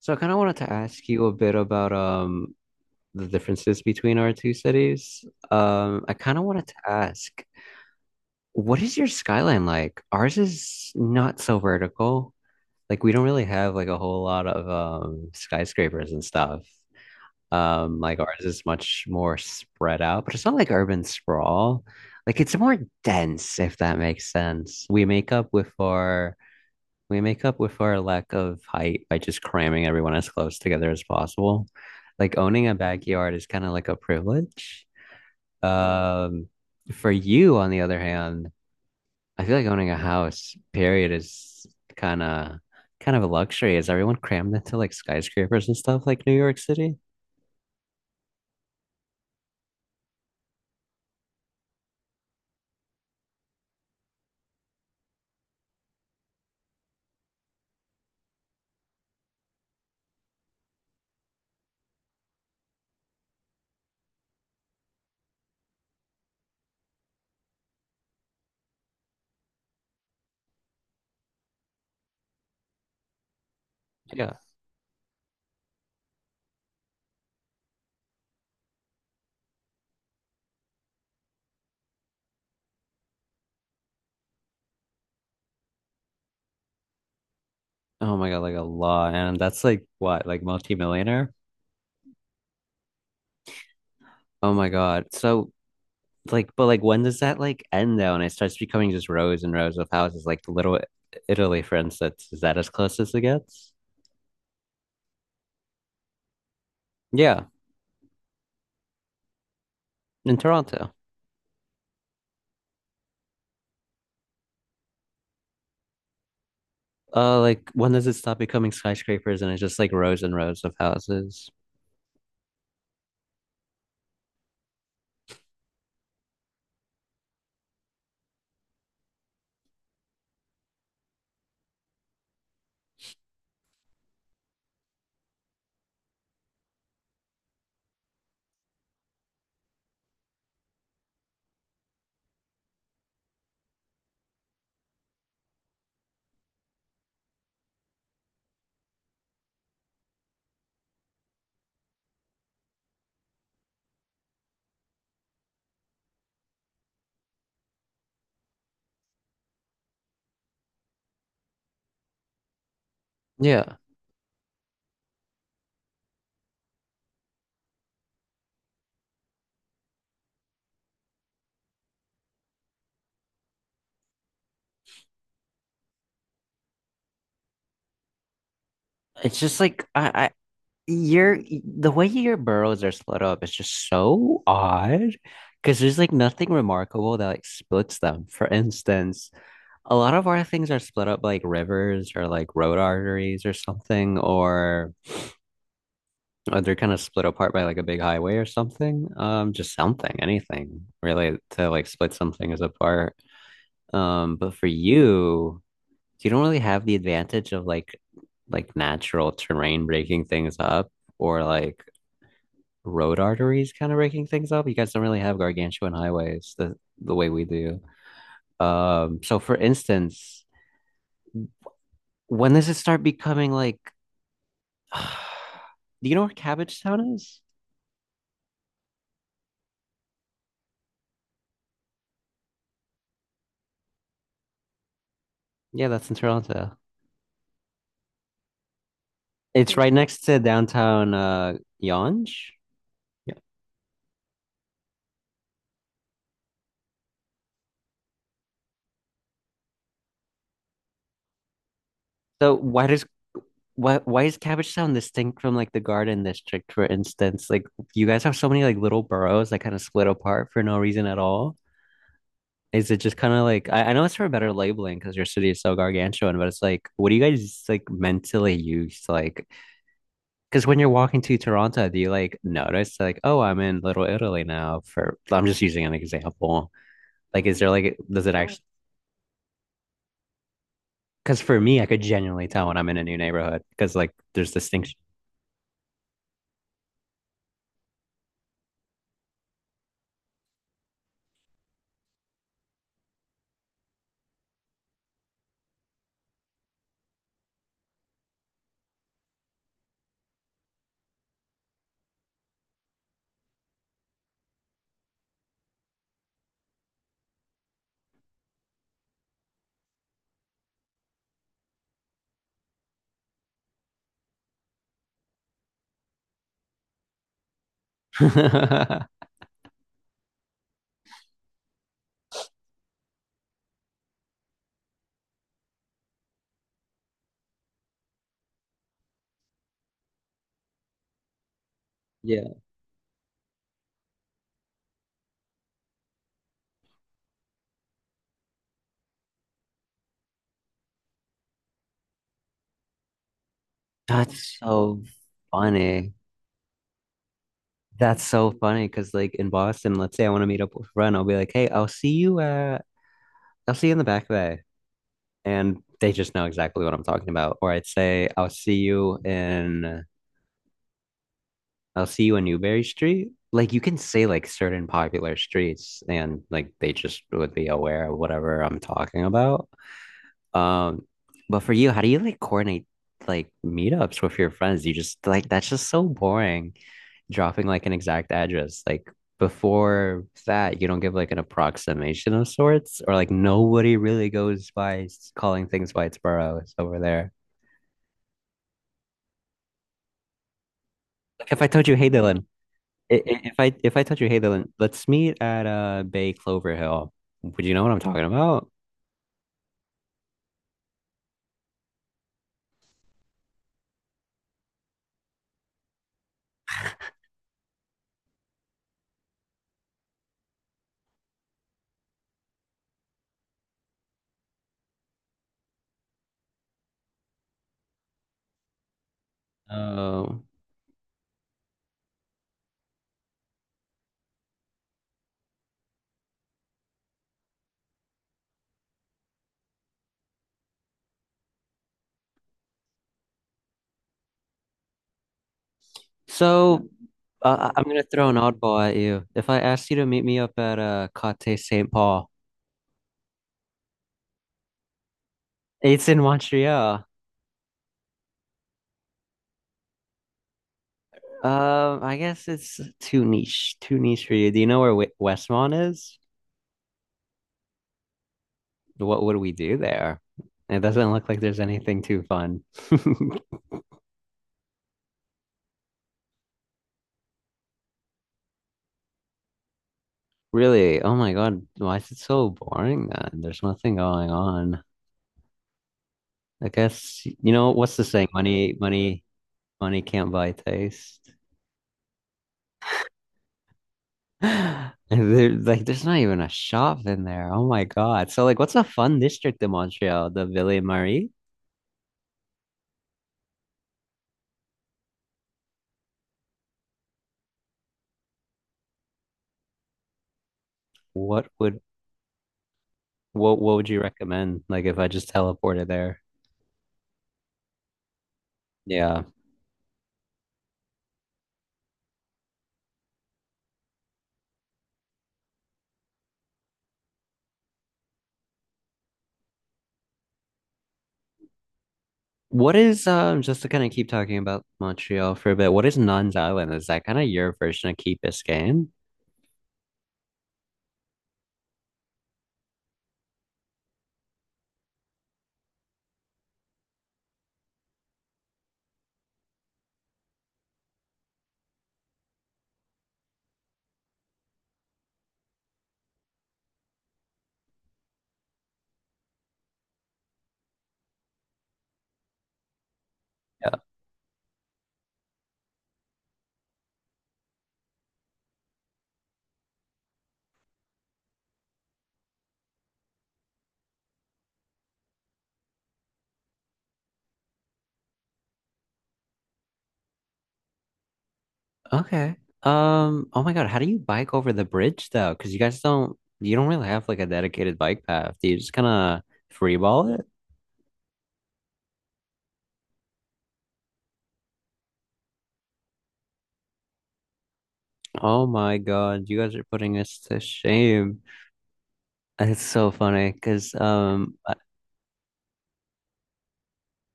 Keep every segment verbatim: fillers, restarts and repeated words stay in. So I kind of wanted to ask you a bit about um the differences between our two cities. Um, I kind of wanted to ask, what is your skyline like? Ours is not so vertical. Like we don't really have like a whole lot of um skyscrapers and stuff. Um, like ours is much more spread out, but it's not like urban sprawl. Like it's more dense, if that makes sense. We make up with our we make up with our lack of height by just cramming everyone as close together as possible. Like owning a backyard is kind of like a privilege. Um, for you, on the other hand, I feel like owning a house, period, is kind of kind of a luxury. Is everyone crammed into like skyscrapers and stuff like New York City? Yeah. Oh my God, like a lot. And that's like what, like multimillionaire? Oh my God. So like but like when does that like end though and it starts becoming just rows and rows of houses like Little Italy, for instance? Is that as close as it gets? Yeah, in Toronto. Uh, like when does it stop becoming skyscrapers and it's just like rows and rows of houses? Yeah, it's just like I, I your the way your boroughs are split up is just so odd, because there's like nothing remarkable that like splits them. For instance, a lot of our things are split up by, like, rivers or like road arteries or something. Or Uh, they're kind of split apart by like a big highway or something. Um, just something, anything really to like split some things apart. Um, but for you, you don't really have the advantage of like like natural terrain breaking things up or like road arteries kind of breaking things up. You guys don't really have gargantuan highways the the way we do. Um, so for instance, when does it start becoming like do you know where Cabbage Town is? Yeah, that's in Toronto. It's right next to downtown uh Yonge. Yeah. So why does why why is Cabbage Town distinct from like the Garden District, for instance? Like you guys have so many like little boroughs that kind of split apart for no reason at all. Is it just kind of like I, I know it's for better labeling because your city is so gargantuan, but it's like what do you guys like mentally use? Like because when you're walking to Toronto, do you like notice like oh I'm in Little Italy now? For I'm just using an example. Like is there like does it Oh, actually, because for me, I could genuinely tell when I'm in a new neighborhood because like there's distinction. Yeah. That's so funny. That's so funny because like in Boston, let's say I want to meet up with a friend, I'll be like, "Hey, I'll see you uh I'll see you in the Back Bay." And they just know exactly what I'm talking about. Or I'd say, "I'll see you in "I'll see you in Newberry Street." Like you can say like certain popular streets and like they just would be aware of whatever I'm talking about. Um, but for you, how do you like coordinate like meetups with your friends? You just like that's just so boring dropping like an exact address. Like before that, you don't give like an approximation of sorts, or like nobody really goes by s- calling things by its borough. It's over there. Like if I told you, hey Dylan, i- i- if I if I told you, hey Dylan, let's meet at uh Bay Clover Hill, would you know what I'm talking about? Oh. So, uh, I- I'm gonna throw an oddball at you. If I asked you to meet me up at uh Côté Saint Paul, it's in Montreal. Um, I guess it's too niche, too niche for you. Do you know where Wi- Westmont is? What would we do there? It doesn't look like there's anything too fun. Really? Oh my God, why is it so boring then? There's nothing going on. I guess you know what's the saying? Money, money, money can't buy taste. And there, like, there's not even a shop in there. Oh my God. So, like, what's a fun district in Montreal? The Ville Marie? What would what what would you recommend? Like, if I just teleported there? Yeah. What is um just to kind of keep talking about Montreal for a bit, what is Nuns Island? Is that kind of your version of Key Biscayne? Yeah. Okay. Um, oh my God, how do you bike over the bridge though? Because you guys don't you don't really have like a dedicated bike path. Do you just kind of freeball? Oh my God, you guys are putting us to shame. It's so funny because um uh,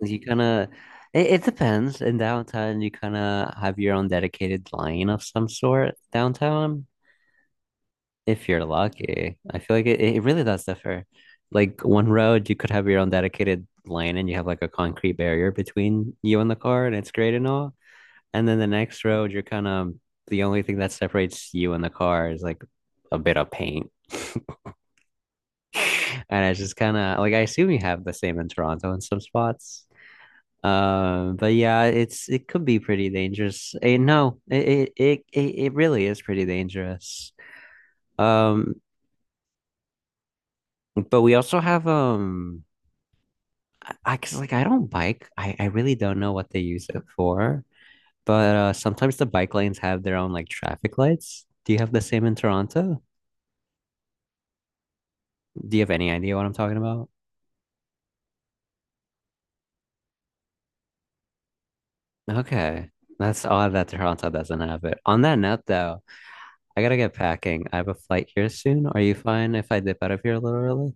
you kind of it, it depends. In downtown, you kind of have your own dedicated line of some sort downtown if you're lucky. I feel like it, it really does differ. Like one road, you could have your own dedicated lane and you have like a concrete barrier between you and the car and it's great and all. And then the next road, you're kind of the only thing that separates you and the car is like a bit of paint. And I just kind of like I assume you have the same in Toronto in some spots. Um, but yeah, it's it could be pretty dangerous. Eh, no, it, it it it really is pretty dangerous. Um, but we also have um, I I- cause like I don't bike. I I really don't know what they use it for. But uh, sometimes the bike lanes have their own like traffic lights. Do you have the same in Toronto? Do you have any idea what I'm talking about? Okay, that's odd that Toronto doesn't have it. On that note, though, I gotta get packing. I have a flight here soon. Are you fine if I dip out of here a little early?